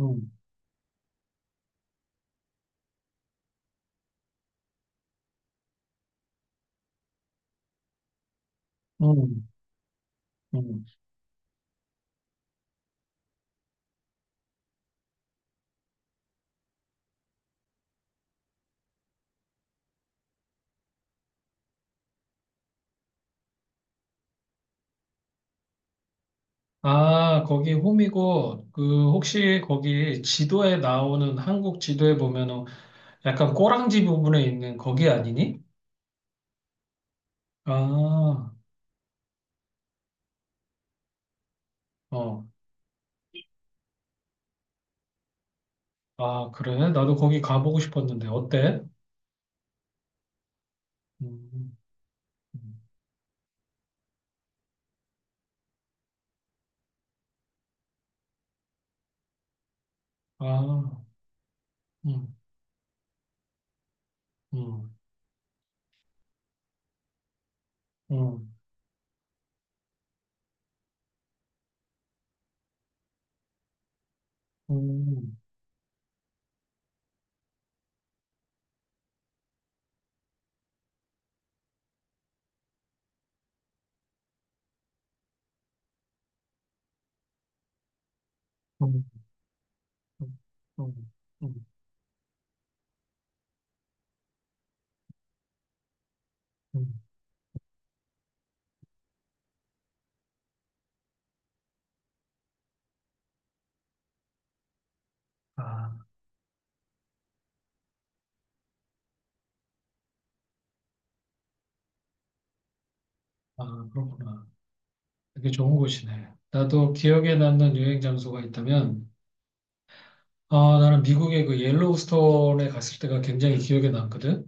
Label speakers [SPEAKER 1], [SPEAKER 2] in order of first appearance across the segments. [SPEAKER 1] 음. 음. 음. 아, 거기 홈이고, 그, 혹시 거기 지도에 나오는, 한국 지도에 보면은 약간 꼬랑지 부분에 있는 거기 아니니? 아, 어. 아, 그래? 나도 거기 가보고 싶었는데, 어때? 음. 음. 아. 음. 음. 음. 음. 음. 음. 음. 음. 음. 아, 아, 그렇구나. 되게 좋은 곳이네. 나도 기억에 남는 여행 장소가 있다면, 아, 나는 미국의 그 옐로우스톤에 갔을 때가 굉장히 기억에 남거든.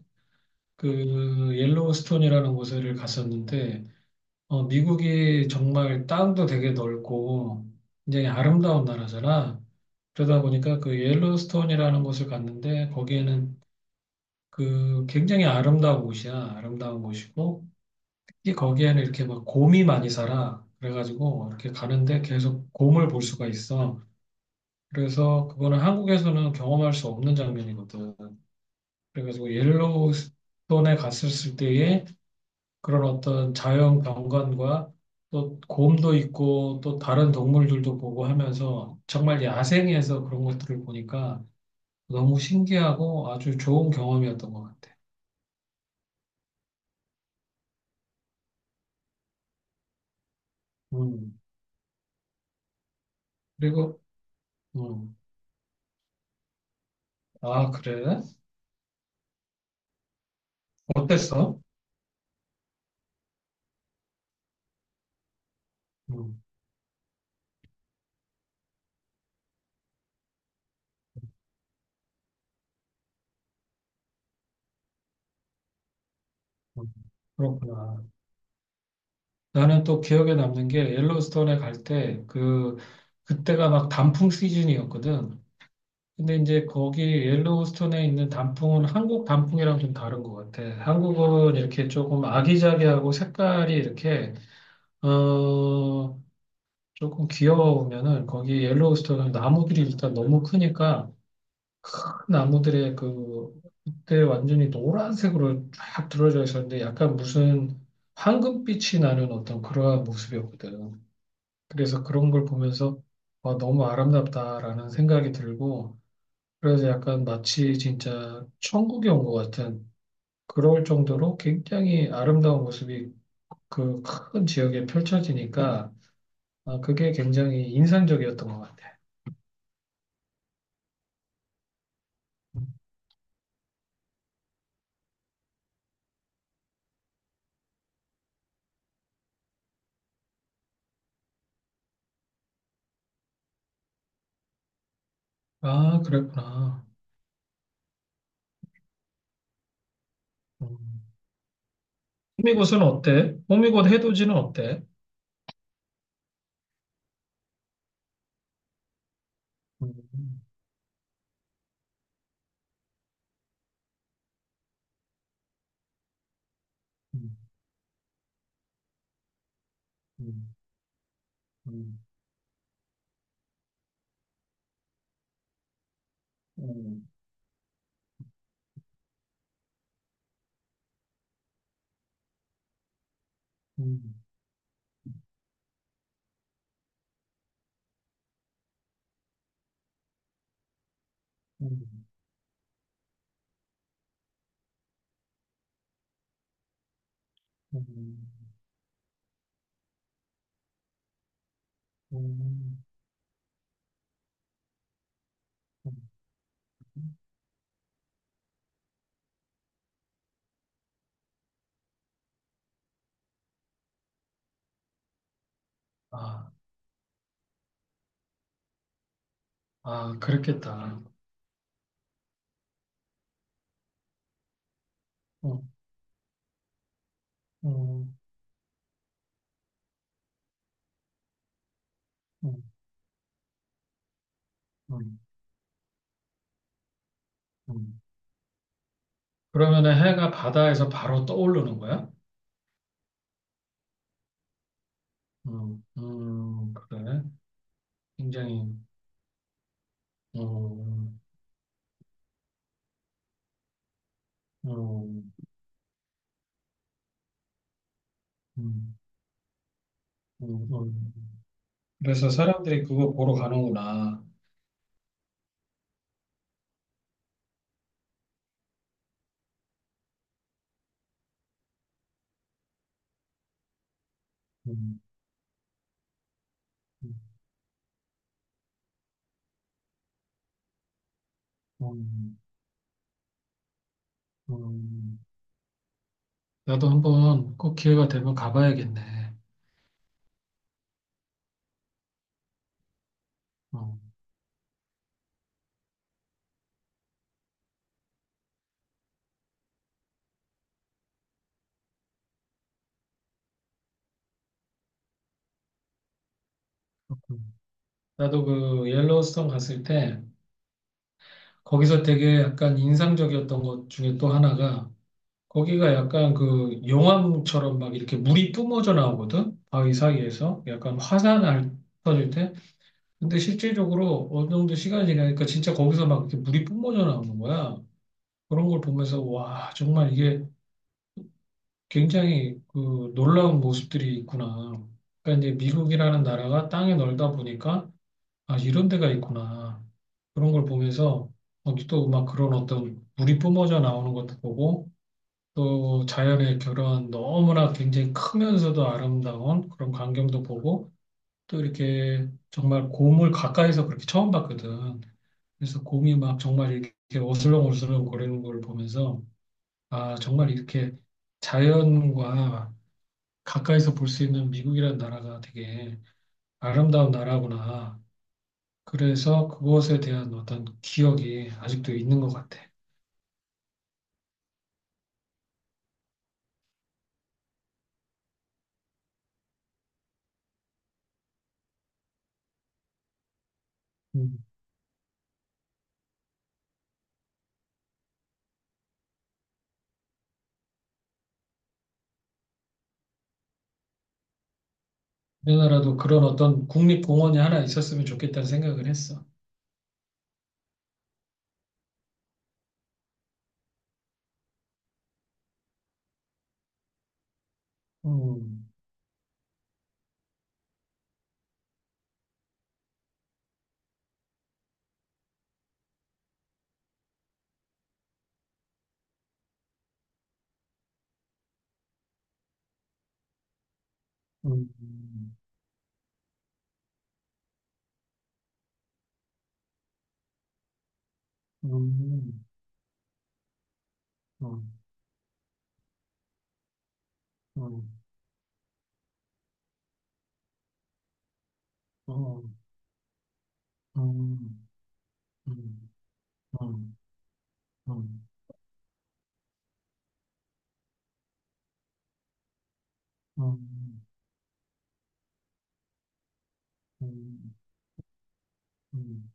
[SPEAKER 1] 그 옐로우스톤이라는 곳을 갔었는데, 어, 미국이 정말 땅도 되게 넓고 굉장히 아름다운 나라잖아. 그러다 보니까 그 옐로우스톤이라는 곳을 갔는데 거기에는 그 굉장히 아름다운 곳이야. 아름다운 곳이고 특히 거기에는 이렇게 막 곰이 많이 살아. 그래가지고 이렇게 가는데 계속 곰을 볼 수가 있어. 그래서 그거는 한국에서는 경험할 수 없는 장면이거든. 그래가지고 옐로우스톤에 갔을 때의 그런 어떤 자연 경관과 또 곰도 있고 또 다른 동물들도 보고 하면서 정말 야생에서 그런 것들을 보니까 너무 신기하고 아주 좋은 경험이었던 것 같아. 음. 그리고 음. 아, 그래? 어땠어? 음. 음. 그렇구나. 나는 또 기억에 남는 게 옐로우스톤에 갈 때 그때가 막 단풍 시즌이었거든. 근데 이제 거기 옐로우스톤에 있는 단풍은 한국 단풍이랑 좀 다른 것 같아. 한국은 이렇게 조금 아기자기하고 색깔이 이렇게, 어, 조금 귀여우면은 거기 옐로우스톤은 나무들이 일단 너무 크니까 큰 나무들의 그, 그때 완전히 노란색으로 쫙 들어져 있었는데 약간 무슨 황금빛이 나는 어떤 그러한 모습이었거든. 그래서 그런 걸 보면서 와, 너무 아름답다라는 생각이 들고 그래서 약간 마치 진짜 천국에 온 것 같은 그럴 정도로 굉장히 아름다운 모습이 그 큰 지역에 펼쳐지니까 아, 그게 굉장히 인상적이었던 것 같아. 아, 그랬구나. 음. 호미곶은 어때? 호미곶 해돋이는 어때? 음. 음. 음. 음. 음. 음. 음. 음. 음. 음. 아, 아, 그렇겠다. 음. 음. 음. 음. 음. 그러면은 해가 바다에서 바로 떠오르는 거야? 그래. 굉장히, 어어. 음. 음. 음. 음. 그래서 사람들이 그거 보러 가는구나. 음. 음. 음. 음. 나도 한번 꼭 기회가 되면 가봐야겠네. 어. 음. 나도 그 옐로우스톤 갔을 때 거기서 되게 약간 인상적이었던 것 중에 또 하나가 거기가 약간 그 용암처럼 막 이렇게 물이 뿜어져 나오거든. 바위 사이에서 약간 화산 알 터질 때. 근데 실제적으로 어느 정도 시간이 지나니까 진짜 거기서 막 이렇게 물이 뿜어져 나오는 거야. 그런 걸 보면서 와, 정말 이게 굉장히 그 놀라운 모습들이 있구나. 그러니까 이제 미국이라는 나라가 땅이 넓다 보니까 아, 이런 데가 있구나. 그런 걸 보면서 또 막 그런 어떤 물이 뿜어져 나오는 것도 보고 또 자연의 그런 너무나 굉장히 크면서도 아름다운 그런 광경도 보고 또 이렇게 정말 곰을 가까이서 그렇게 처음 봤거든. 그래서 곰이 막 정말 이렇게 어슬렁어슬렁 거리는 걸 보면서 아, 정말 이렇게 자연과 가까이서 볼 수 있는 미국이라는 나라가 되게 아름다운 나라구나. 그래서 그것에 대한 어떤 기억이 아직도 있는 것 같아. 음. 우리나라도 그런 어떤 국립공원이 하나 있었으면 좋겠다는 생각을 했어. 음. 음. 음. 음. 음. 음. 음. 음. 음. 음. 음. 음. 음.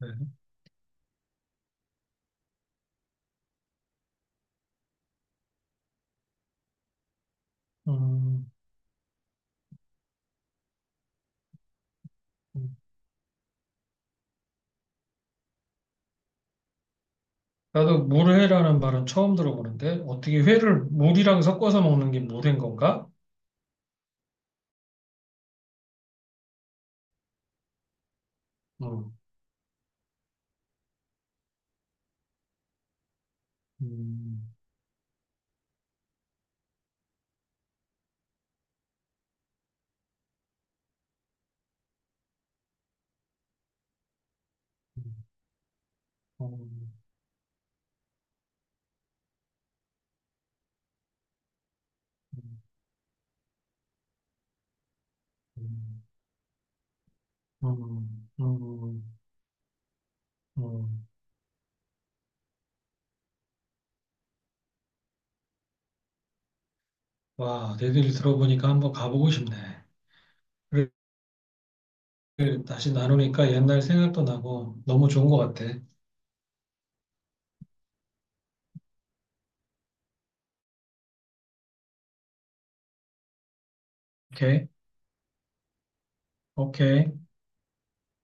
[SPEAKER 1] 네. 음. 음. 나도 물회라는 말은 처음 들어보는데 어떻게 회를 물이랑 섞어서 먹는 게 물회인 건가? 음. 음. 음. 음. 음. 음. 음. 음. 와, 내 얘기를 들어보니까 한번 가보고 싶네. 그래, 다시 나누니까 옛날 생각도 나고 너무 좋은 것 같아. 오케이, 오케이.